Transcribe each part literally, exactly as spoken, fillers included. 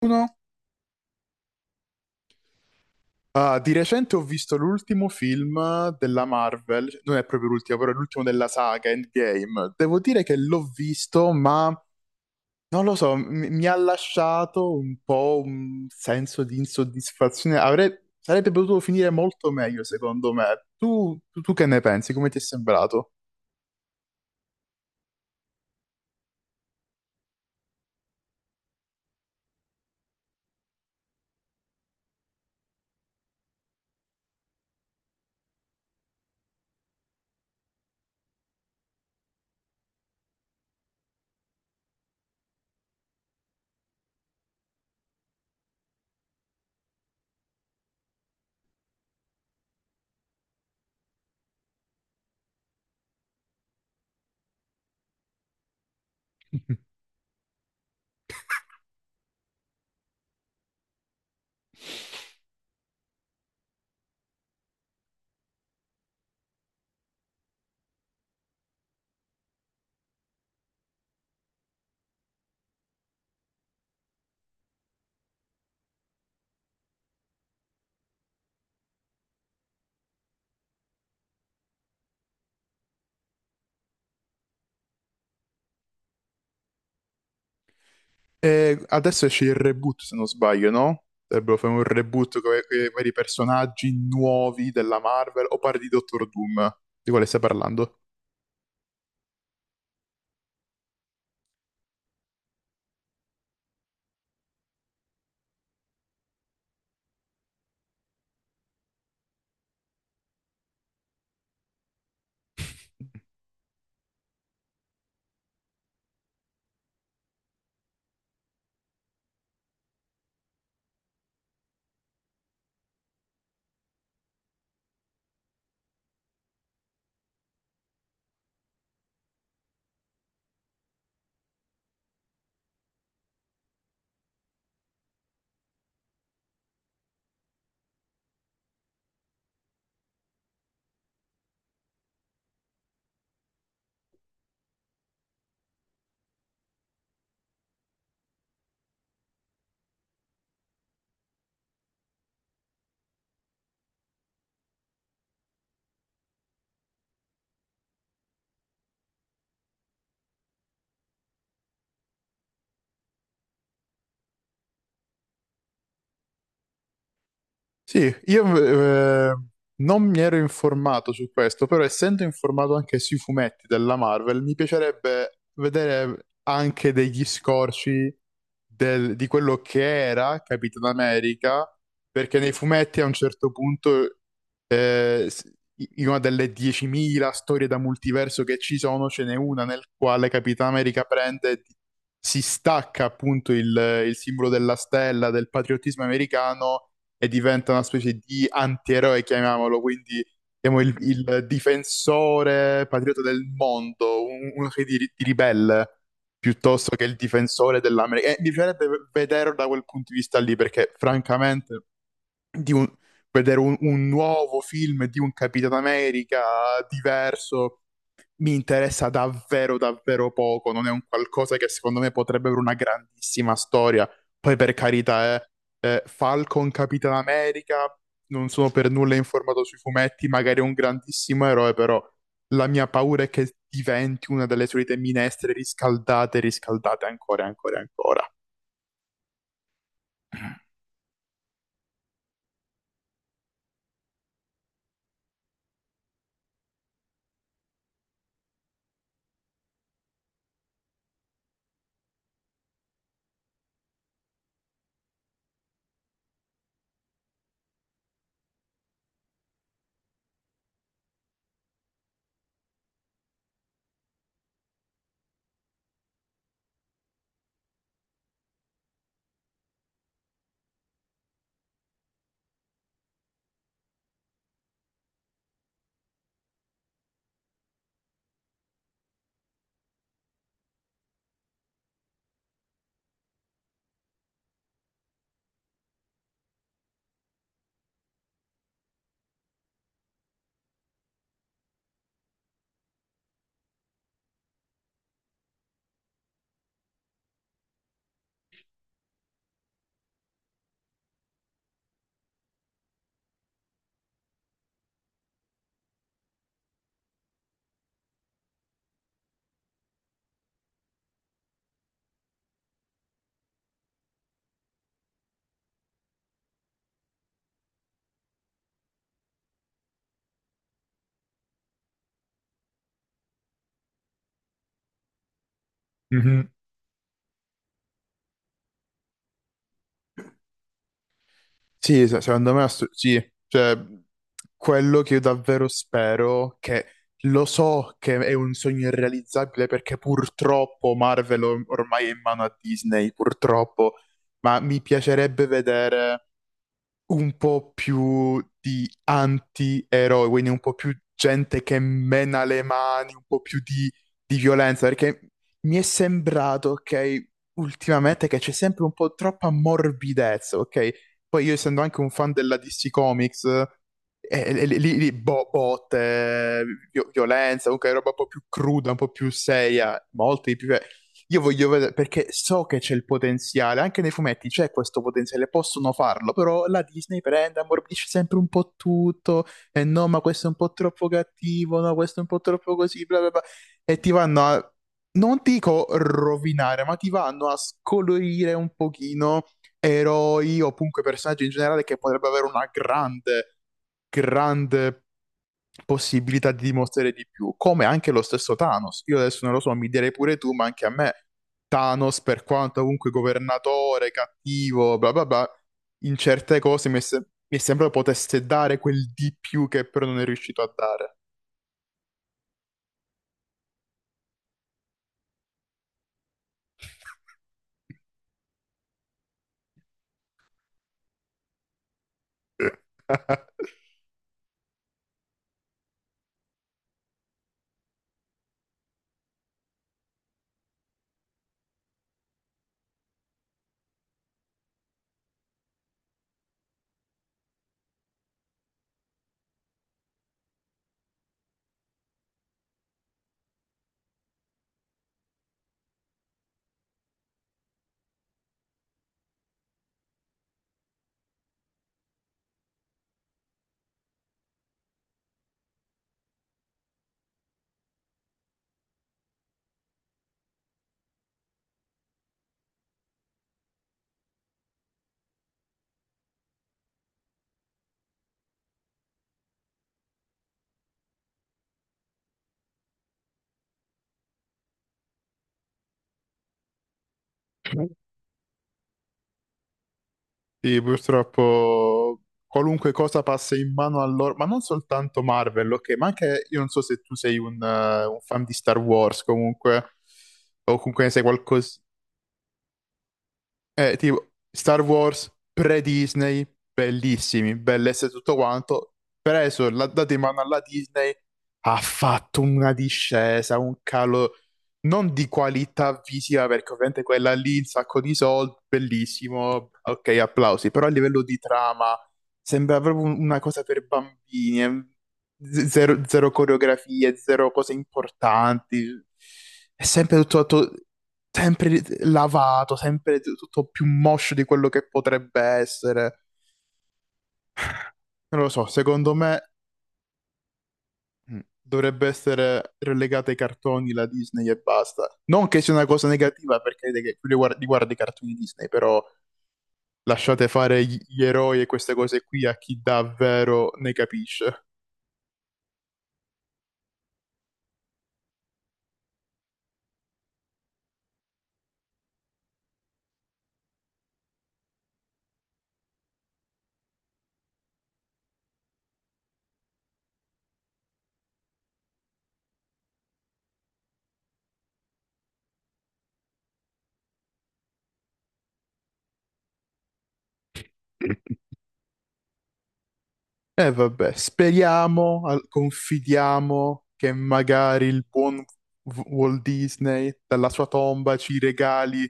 Uno. Ah, di recente ho visto l'ultimo film della Marvel, non è proprio l'ultimo, però è l'ultimo della saga Endgame. Devo dire che l'ho visto, ma non lo so, mi, mi ha lasciato un po' un senso di insoddisfazione. Avrei- sarebbe potuto finire molto meglio, secondo me. Tu, tu tu che ne pensi? Come ti è sembrato? E adesso esce il reboot, se non sbaglio, no? Dovrebbero fare un reboot con i vari personaggi nuovi della Marvel, o parli di Doctor Doom? Di quale stai parlando? Sì, io eh, non mi ero informato su questo, però essendo informato anche sui fumetti della Marvel, mi piacerebbe vedere anche degli scorci del- di quello che era Capitan America, perché nei fumetti a un certo punto, eh, s- in una delle diecimila storie da multiverso che ci sono, ce n'è una nel quale Capitan America prende, e si stacca appunto il il simbolo della stella, del patriottismo americano e diventa una specie di antieroe, chiamiamolo, quindi siamo il, il difensore patriota del mondo, un- uno che di, di ribelle, piuttosto che il difensore dell'America. E mi piacerebbe vederlo da quel punto di vista lì, perché francamente di un- vedere un, un nuovo film di un Capitano America diverso mi interessa davvero, davvero poco. Non è un qualcosa che secondo me potrebbe avere una grandissima storia. Poi, per carità, eh, eh, Falcon, Capitan America, non sono per nulla informato sui fumetti, magari è un grandissimo eroe, però la mia paura è che diventi una delle solite minestre riscaldate, riscaldate ancora, ancora, ancora. Mhm. Sì, se- secondo me ass- sì, cioè quello che io davvero spero, che lo so che è un sogno irrealizzabile perché purtroppo Marvel or- ormai è in mano a Disney, purtroppo, ma mi piacerebbe vedere un po' più di anti-eroi, quindi un po' più gente che mena le mani, un po' più di, di violenza, perché mi è sembrato, ok, ultimamente che c'è sempre un po' troppa morbidezza, ok? Poi io essendo anche un fan della D C Comics, eh, eh, lì, lì- lì bo- botte, vi- violenza, comunque roba un po' più cruda, un po' più seria, molto di più. Io voglio vedere perché so che c'è il potenziale, anche nei fumetti c'è questo potenziale, possono farlo, però la Disney prende, ammorbidisce sempre un po' tutto, e no, ma questo è un po' troppo cattivo, no, questo è un po' troppo così, bla bla bla, e ti vanno a, non dico rovinare, ma ti vanno a scolorire un pochino eroi o comunque personaggi in generale che potrebbero avere una grande, grande possibilità di dimostrare di più, come anche lo stesso Thanos. Io adesso non lo so, mi direi pure tu, ma anche a me Thanos, per quanto comunque governatore, cattivo, bla bla bla, in certe cose mi è, se- mi è sembrato potesse dare quel di più che però non è riuscito a dare. Sì, purtroppo qualunque cosa passa in mano a loro, ma non soltanto Marvel, ok, ma anche io non so se tu sei un, eh, un fan di Star Wars comunque, o comunque ne sai qualcosa, eh, tipo Star Wars pre-Disney, bellissimi, bellezze e tutto quanto, preso, l'ha dato in mano alla Disney, ha fatto una discesa, un calo non di qualità visiva, perché ovviamente quella lì, un sacco di soldi, bellissimo, ok, applausi, però a livello di trama sembra proprio un- una cosa per bambini, eh, z- zero, zero coreografie, zero cose importanti, è sempre tutto tutto sempre lavato, sempre t- tutto più moscio di quello che potrebbe essere. Non lo so, secondo me mm, dovrebbe essere relegata ai cartoni la Disney e basta. Non che sia una cosa negativa perché de- che più li guardi, li guardi i cartoni Disney, però lasciate fare gli, gli eroi e queste cose qui a chi davvero ne capisce. E vabbè, speriamo, al- confidiamo che magari il buon W- Walt Disney dalla sua tomba ci regali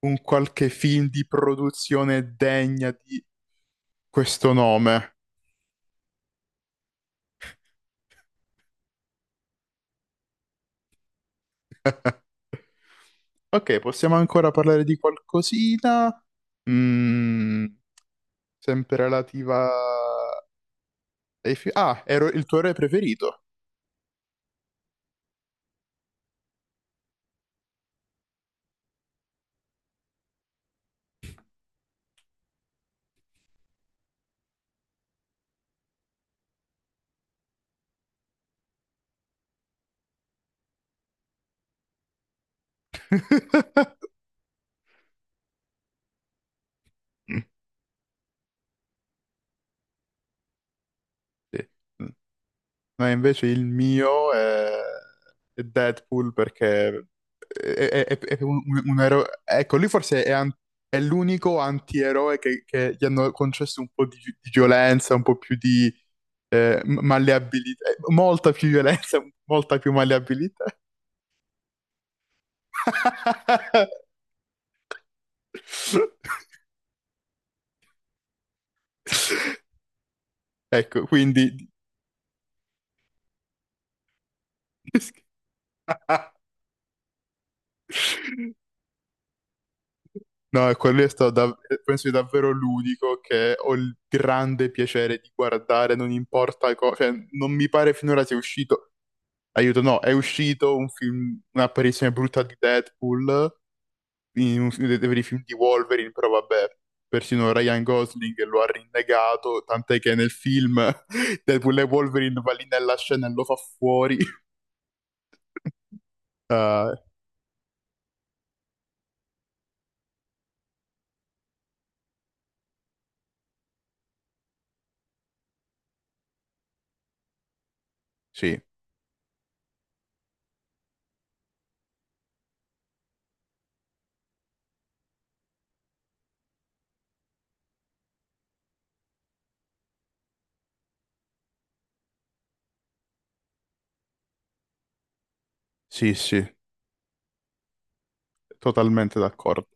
un qualche film di produzione degna di questo nome. Ok, possiamo ancora parlare di qualcosina? Mm, sempre relativa ai fi- ah, ero il tuo re preferito. Sì. Mm. No, invece il mio è, è Deadpool perché è, è- è- è un, un eroe. Ecco, lui forse è, an- è l'unico antieroe che, che gli hanno concesso un po' di, gi- di violenza, un po' più di eh, m- malleabilità, eh, molta più violenza, molta più malleabilità. Ecco, quindi no, e quello è stato dav- eh, penso sia davvero l'unico che ho il grande piacere di guardare, non importa cosa, cioè, non mi pare finora sia uscito, aiuto, no, è uscito un film, un'apparizione brutta di Deadpool in un, film- dei veri film di Wolverine, però vabbè, persino Ryan Gosling lo ha rinnegato, tant'è che nel film Deadpool e Wolverine va lì nella scena e lo fa fuori. Eh, sì, sì, sì, totalmente d'accordo.